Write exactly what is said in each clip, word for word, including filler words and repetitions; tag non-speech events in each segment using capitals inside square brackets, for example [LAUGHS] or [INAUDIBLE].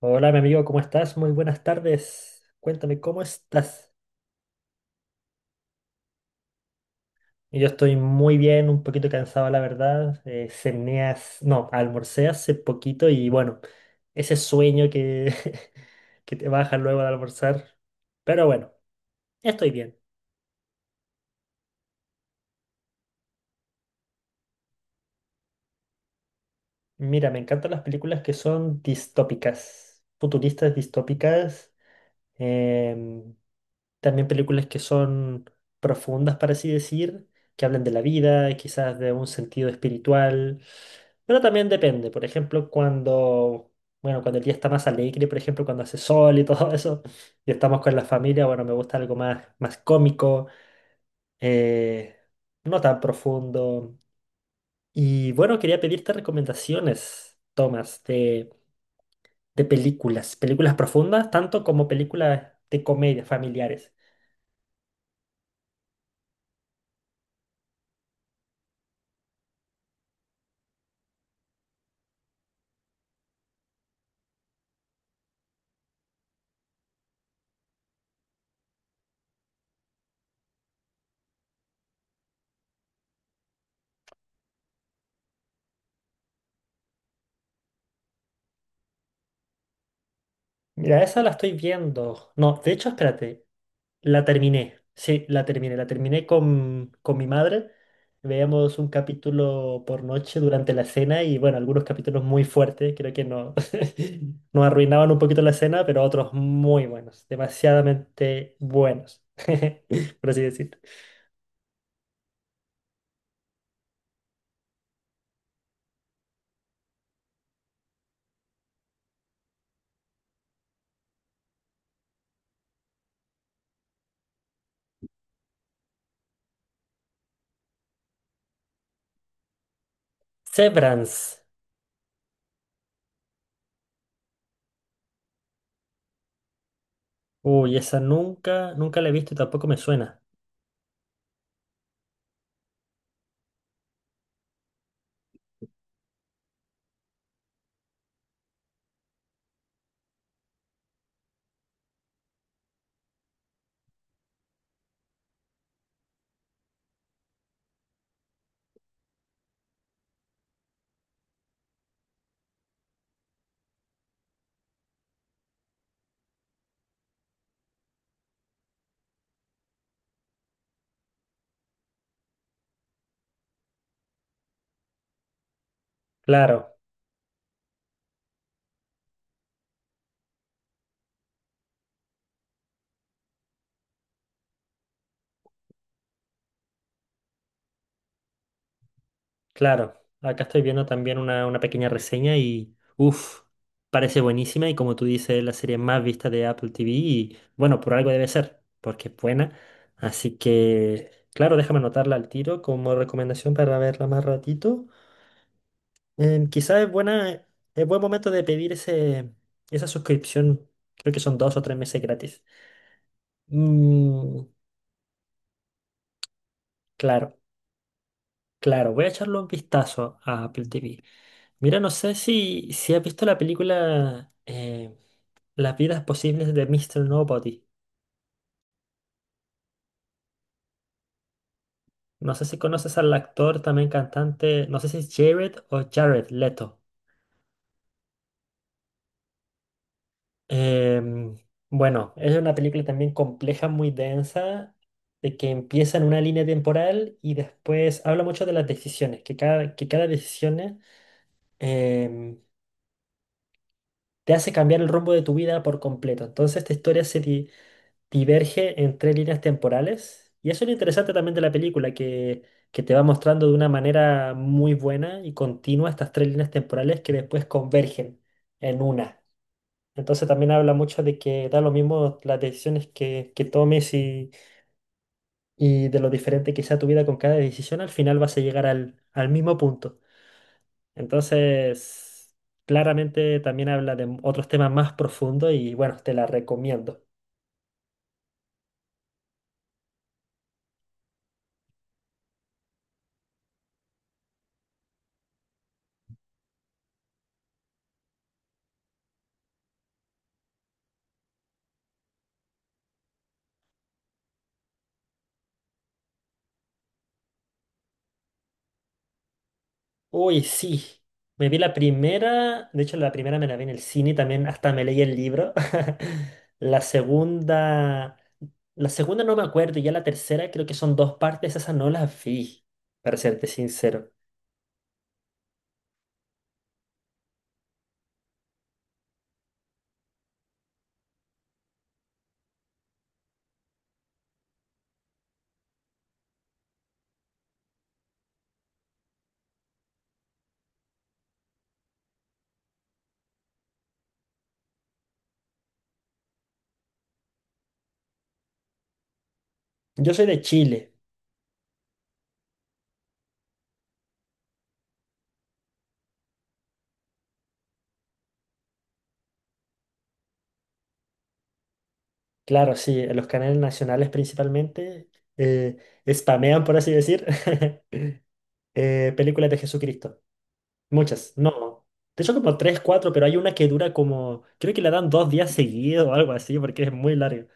Hola, mi amigo, ¿cómo estás? Muy buenas tardes. Cuéntame, ¿cómo estás? Y Yo estoy muy bien, un poquito cansado, la verdad. Eh, cené hace- no, almorcé hace poquito y bueno, ese sueño que, [LAUGHS] que te baja luego de almorzar. Pero bueno, estoy bien. Mira, me encantan las películas que son distópicas, futuristas distópicas. Em, También películas que son profundas, para así decir, que hablan de la vida, quizás de un sentido espiritual. Pero también depende. Por ejemplo, cuando, bueno, cuando el día está más alegre, por ejemplo, cuando hace sol y [LAUGHS] todo eso, y estamos con la familia, bueno, me gusta algo más, más cómico, eh, no tan profundo. Y bueno, quería pedirte recomendaciones, Tomás, de, de películas, películas profundas, tanto como películas de comedia familiares. Mira, esa la estoy viendo. No, de hecho, espérate, la terminé. Sí, la terminé. La terminé con, con mi madre. Veíamos un capítulo por noche durante la cena y bueno, algunos capítulos muy fuertes, creo que no, [LAUGHS] nos arruinaban un poquito la cena, pero otros muy buenos, demasiadamente buenos, [LAUGHS] por así decir. Severance. Uy, esa nunca, nunca la he visto y tampoco me suena. Claro. Claro, acá estoy viendo también una, una pequeña reseña y, uff, parece buenísima y como tú dices, es la serie más vista de Apple T V y bueno, por algo debe ser, porque es buena. Así que, claro, déjame anotarla al tiro como recomendación para verla más ratito. Em, quizás es buena, es buen momento de pedir ese, esa suscripción, creo que son dos o tres meses gratis. Mm, claro, claro, voy a echarle un vistazo a Apple T V. Mira, no sé si, si has visto la película eh, Las vidas posibles de míster Nobody. No sé si conoces al actor, también cantante, no sé si es Jared o Jared Leto. Em, bueno, es una película también compleja, muy densa, de que empieza en una línea temporal y después habla mucho de las decisiones, que cada, que cada decisión em, te hace cambiar el rumbo de tu vida por completo. Entonces esta historia se, di- diverge en tres líneas temporales. Y eso es lo interesante también de la película, que, que te va mostrando de una manera muy buena y continua estas tres líneas temporales que después convergen en una. Entonces también habla mucho de que da lo mismo las decisiones que, que tomes y, y de lo diferente que sea tu vida con cada decisión, al final vas a llegar al, al mismo punto. Entonces, claramente también habla de otros temas más profundos y bueno, te la recomiendo. Uy, sí. Me vi la primera, de hecho la primera me la vi en el cine también, hasta me leí el libro. [LAUGHS] La segunda, la segunda no me acuerdo, y ya la tercera creo que son dos partes, esas no las vi, para serte sincero. Yo soy de Chile, claro, sí, en los canales nacionales principalmente eh, spamean, por así decir, [LAUGHS] eh, películas de Jesucristo. Muchas, no. De hecho como tres, cuatro, pero hay una que dura como, creo que la dan dos días seguidos o algo así, porque es muy larga.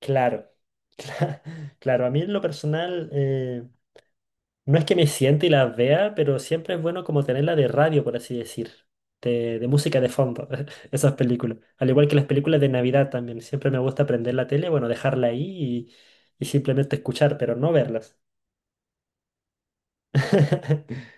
Claro, [LAUGHS] cla- claro, a mí en lo personal eh, no es que me siente y las vea, pero siempre es bueno como tenerla de radio, por así decir, de, de música de fondo, [LAUGHS] esas películas. Al igual que las películas de Navidad también, siempre me gusta prender la tele, bueno, dejarla ahí y, y simplemente escuchar, pero no verlas. [LAUGHS]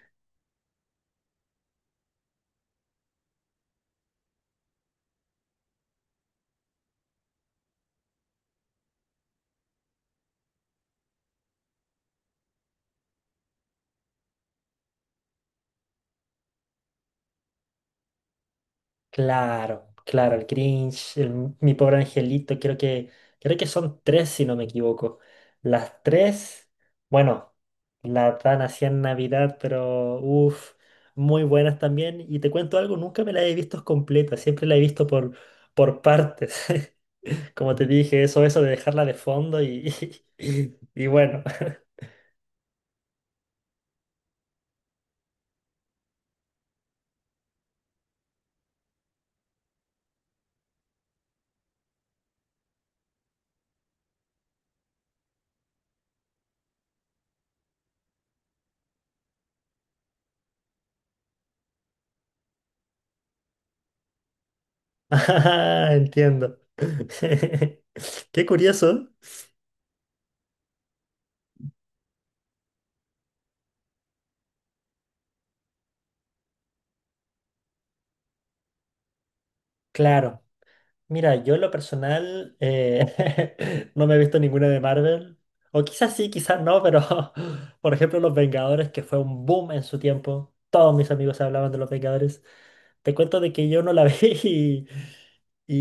Claro, claro, el Grinch, el Mi Pobre Angelito, creo que, creo que son tres si no me equivoco. Las tres, bueno, la dan así en Navidad, pero uff, muy buenas también. Y te cuento algo, nunca me la he visto completa, siempre la he visto por, por partes. [LAUGHS] Como te dije, eso, eso de dejarla de fondo y, [LAUGHS] y y bueno. [LAUGHS] Ah, entiendo. [LAUGHS] Qué curioso. Claro. Mira, yo en lo personal eh, [LAUGHS] no me he visto ninguna de Marvel. O quizás sí, quizás no, pero [LAUGHS] por ejemplo Los Vengadores, que fue un boom en su tiempo. Todos mis amigos hablaban de Los Vengadores. Te cuento de que yo no la [LAUGHS] vi y,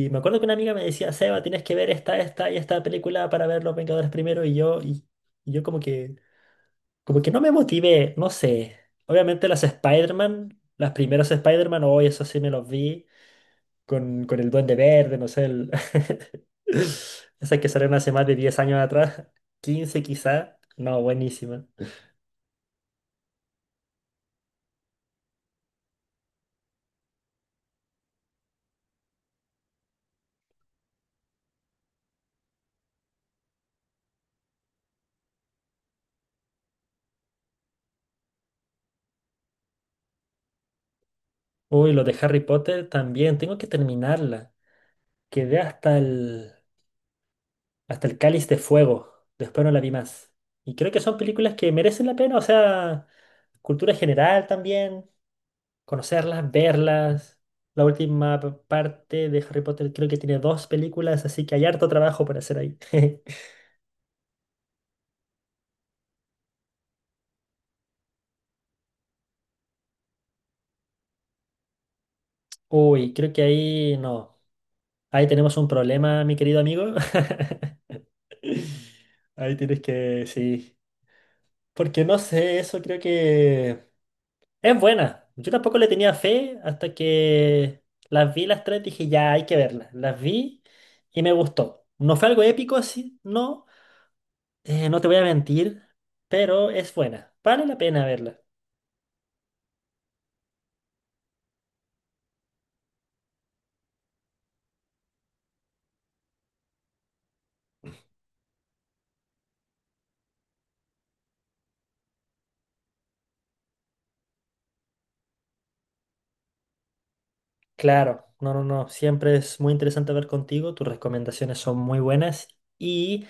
y me acuerdo que una amiga me decía, Seba, tienes que ver esta, esta y esta película para ver Los Vengadores primero. Y yo, y, y yo como que, como que no me motivé, no sé. Obviamente las Spider-Man, las primeras Spider-Man, hoy eso sí me los vi con, con el Duende Verde, no sé, el... [LAUGHS] esas que salieron hace más de diez años atrás, quince quizá, no, buenísima. Uy, lo de Harry Potter también, tengo que terminarla. Quedé hasta el, hasta el Cáliz de Fuego, después no la vi más. Y creo que son películas que merecen la pena, o sea, cultura general también, conocerlas, verlas. La última p- parte de Harry Potter creo que tiene dos películas, así que hay harto trabajo para hacer ahí. [LAUGHS] Uy, creo que ahí no. Ahí tenemos un problema, mi querido amigo. [LAUGHS] Ahí tienes que, sí. Porque no sé, eso creo que es buena. Yo tampoco le tenía fe hasta que las vi las tres, dije, ya hay que verlas. Las vi y me gustó. No fue algo épico, así no. Eh, no te voy a mentir, pero es buena. Vale la pena verla. Claro, no, no, no. Siempre es muy interesante ver contigo. Tus recomendaciones son muy buenas. Y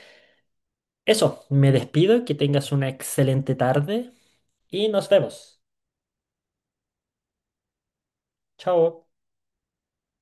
eso, me despido. Que tengas una excelente tarde. Y nos vemos. Chao.